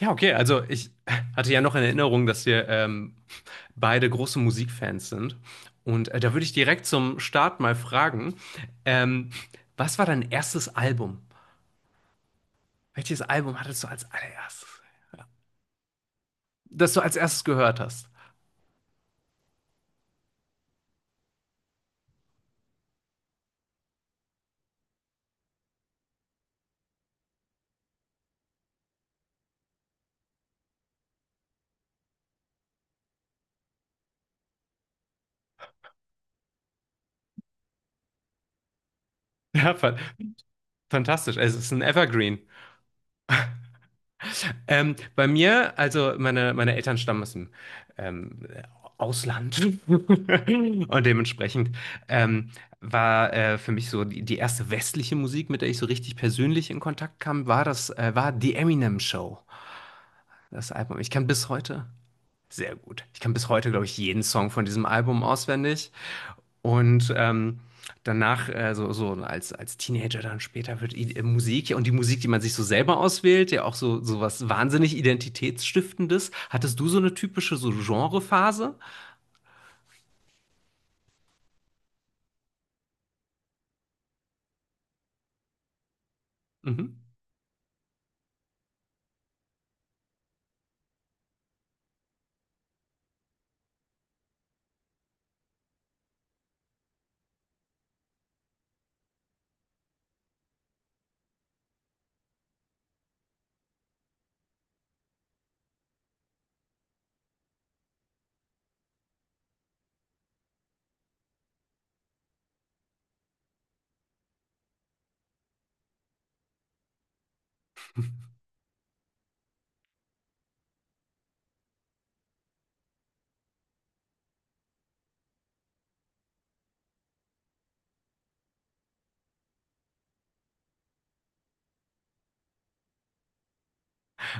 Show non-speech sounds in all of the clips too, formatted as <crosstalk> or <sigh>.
Ja, okay, also ich hatte ja noch in Erinnerung, dass wir beide große Musikfans sind. Da würde ich direkt zum Start mal fragen, ähm, was war dein erstes Album? Welches Album hattest du als allererstes, das du als erstes gehört hast? Ja, fa- Fantastisch. Es ist ein Evergreen. Bei mir, also meine Eltern stammen aus dem ähm, Ausland <laughs> und dementsprechend ähm, war für mich so die erste westliche Musik, mit der ich so richtig persönlich in Kontakt kam, war das war die Eminem Show, das Album. Ich kann bis heute sehr gut. Ich kann bis heute, glaube ich, jeden Song von diesem Album auswendig. Und ähm, Danach, so, als Teenager dann später wird Musik ja, und die Musik, die man sich so selber auswählt, ja auch so, so was wahnsinnig Identitätsstiftendes. Hattest du so eine typische so Genrephase? Mhm.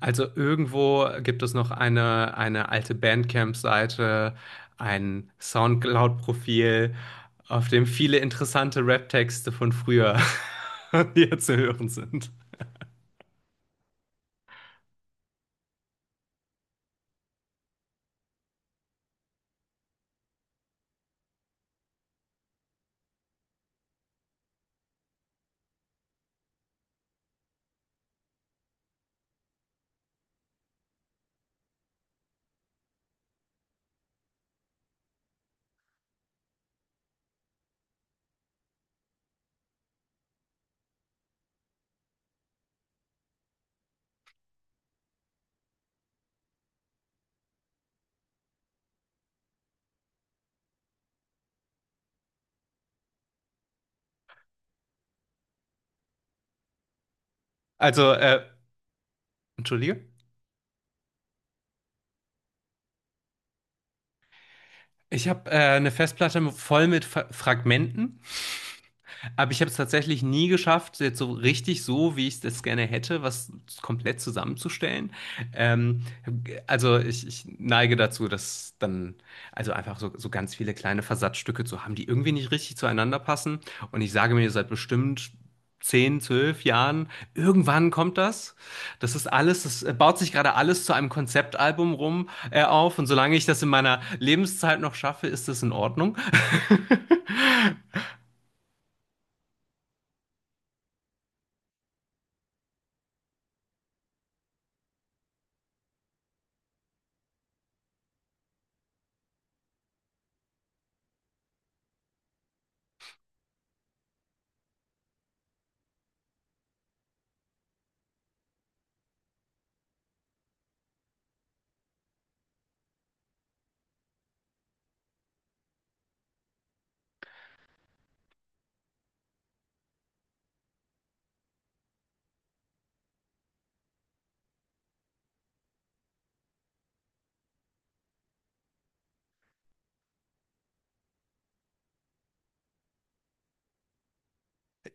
Also irgendwo gibt es noch eine alte Bandcamp-Seite, ein Soundcloud-Profil, auf dem viele interessante Rap-Texte von früher <laughs> hier zu hören sind. Also, äh, Entschuldige? Ich habe eine Festplatte voll mit Fragmenten, aber ich habe es tatsächlich nie geschafft, jetzt so richtig so, wie ich das gerne hätte, was komplett zusammenzustellen. Ähm, also ich neige dazu, dass dann, also einfach so, so ganz viele kleine Versatzstücke zu haben, die irgendwie nicht richtig zueinander passen. Und ich sage mir seit bestimmt 10, 12 Jahren, irgendwann kommt das. Das ist alles, das baut sich gerade alles zu einem Konzeptalbum auf. Und solange ich das in meiner Lebenszeit noch schaffe, ist das in Ordnung.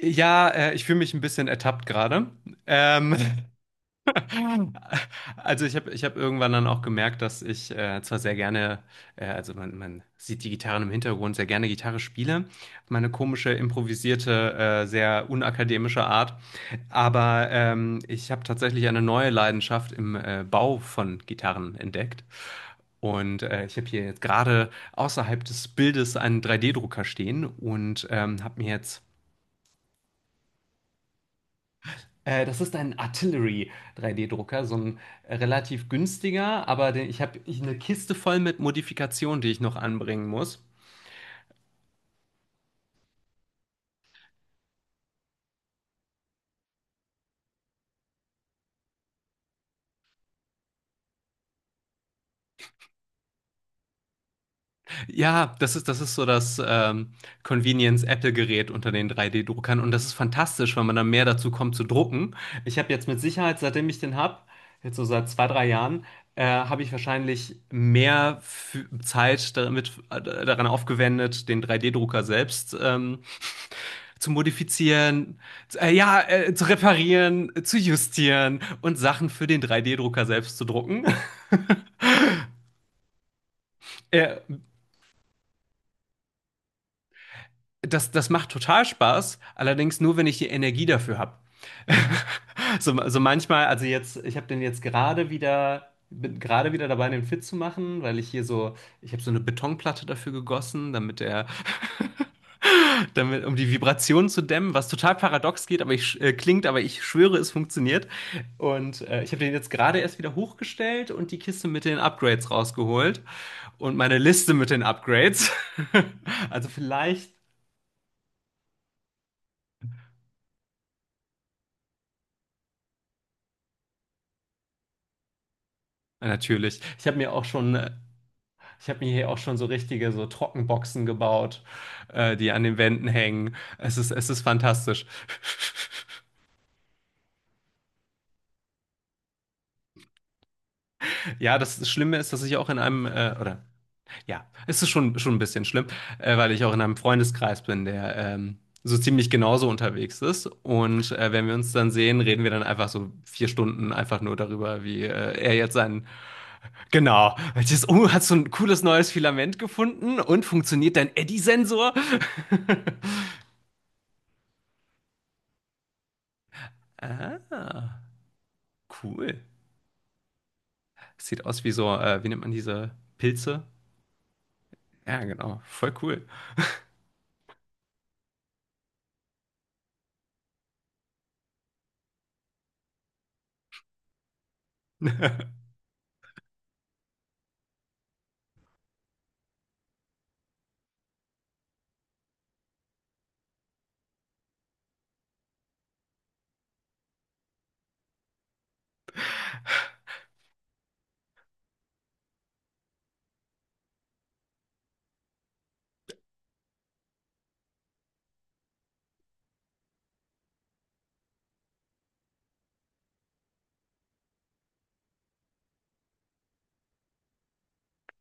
Ja, Ich fühle mich ein bisschen ertappt gerade. Ähm, <laughs> also ich hab irgendwann dann auch gemerkt, dass ich zwar sehr gerne, also man sieht die Gitarren im Hintergrund, sehr gerne Gitarre spiele, meine komische, improvisierte, sehr unakademische Art, aber ich habe tatsächlich eine neue Leidenschaft im Bau von Gitarren entdeckt. Ich habe hier jetzt gerade außerhalb des Bildes einen 3D-Drucker stehen und habe mir jetzt das ist ein Artillery 3D-Drucker, so ein relativ günstiger, aber den, ich habe eine Kiste voll mit Modifikationen, die ich noch anbringen muss. Ja, das ist so das Convenience-Apple-Gerät unter den 3D-Druckern und das ist fantastisch, weil man dann mehr dazu kommt zu drucken. Ich habe jetzt mit Sicherheit, seitdem ich den habe, jetzt so seit zwei, drei Jahren, habe ich wahrscheinlich mehr Zeit damit, daran aufgewendet, den 3D-Drucker selbst zu modifizieren, zu reparieren, zu justieren und Sachen für den 3D-Drucker selbst zu drucken. <laughs> äh, Das, das macht total Spaß, allerdings nur, wenn ich die Energie dafür habe. <laughs> So, so manchmal, also jetzt, ich habe den jetzt gerade wieder, bin gerade wieder dabei, den fit zu machen, weil ich hier so, ich habe so eine Betonplatte dafür gegossen, damit er <laughs> <laughs> damit, um die Vibration zu dämmen, was total paradox klingt, aber ich schwöre, es funktioniert. Ich habe den jetzt gerade erst wieder hochgestellt und die Kiste mit den Upgrades rausgeholt und meine Liste mit den Upgrades. <laughs> Also vielleicht, ja, natürlich. Ich habe mir auch schon, ich habe mir hier auch schon so richtige so Trockenboxen gebaut, die an den Wänden hängen. Es ist fantastisch. <laughs> Ja, das Schlimme ist, dass ich auch in einem, oder ja, es ist schon, schon ein bisschen schlimm, weil ich auch in einem Freundeskreis bin, der so ziemlich genauso unterwegs ist. Wenn wir uns dann sehen, reden wir dann einfach so 4 Stunden einfach nur darüber, wie er jetzt sein. Genau. Jetzt, oh, hast du ein cooles neues Filament gefunden und funktioniert dein Eddy-Sensor? <laughs> Ah, cool. Sieht aus wie so, wie nennt man diese Pilze? Ja, genau. Voll cool. <laughs>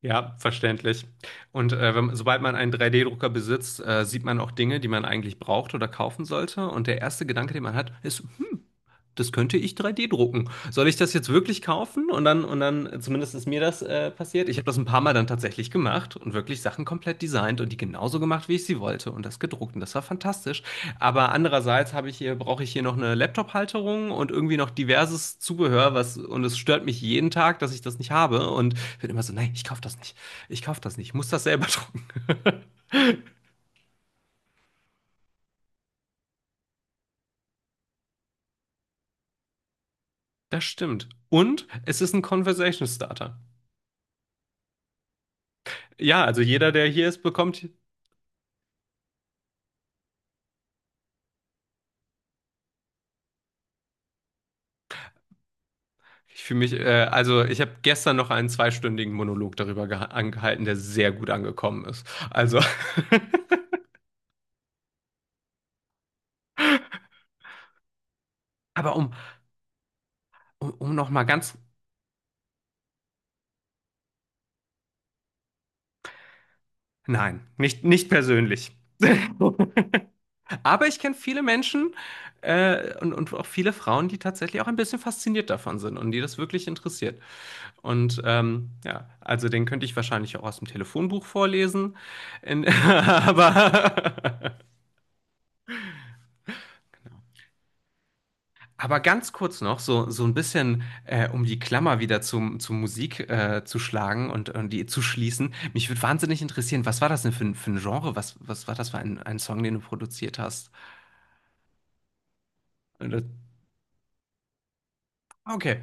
Ja, verständlich. Wenn, sobald man einen 3D-Drucker besitzt, sieht man auch Dinge, die man eigentlich braucht oder kaufen sollte. Und der erste Gedanke, den man hat, ist, hm, das könnte ich 3D drucken. Soll ich das jetzt wirklich kaufen? Zumindest ist mir das passiert. Ich habe das ein paar Mal dann tatsächlich gemacht und wirklich Sachen komplett designt und die genauso gemacht, wie ich sie wollte und das gedruckt. Und das war fantastisch. Aber andererseits habe ich hier, brauche ich hier noch eine Laptop-Halterung und irgendwie noch diverses Zubehör, was, und es stört mich jeden Tag, dass ich das nicht habe. Und bin immer so, nein, ich kaufe das nicht. Ich kaufe das nicht. Ich muss das selber <laughs> drucken. Das stimmt. Und es ist ein Conversation Starter. Ja, also jeder, der hier ist, bekommt. Ich fühle mich, also ich habe gestern noch einen zweistündigen Monolog darüber angehalten, der sehr gut angekommen ist. Also, <laughs> aber um noch mal ganz, nein, nicht, nicht persönlich. Aber ich kenne viele Menschen und auch viele Frauen, die tatsächlich auch ein bisschen fasziniert davon sind und die das wirklich interessiert. Ja, also den könnte ich wahrscheinlich auch aus dem Telefonbuch vorlesen. In, <laughs> aber <laughs> aber ganz kurz noch, so, so ein bisschen, um die Klammer wieder zum, zur Musik zu schlagen und die zu schließen. Mich würde wahnsinnig interessieren, was war das denn für ein Genre? Was, was war das für ein Song, den du produziert hast? Und das- okay.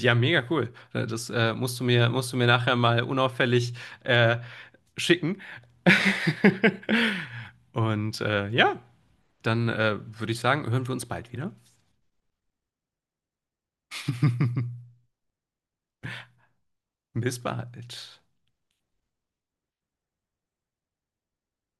Ja, mega cool. Das musst du mir nachher mal unauffällig äh, schicken. <laughs> Und äh, ja, Dann würde ich sagen, hören wir uns bald wieder. <laughs> Bis bald.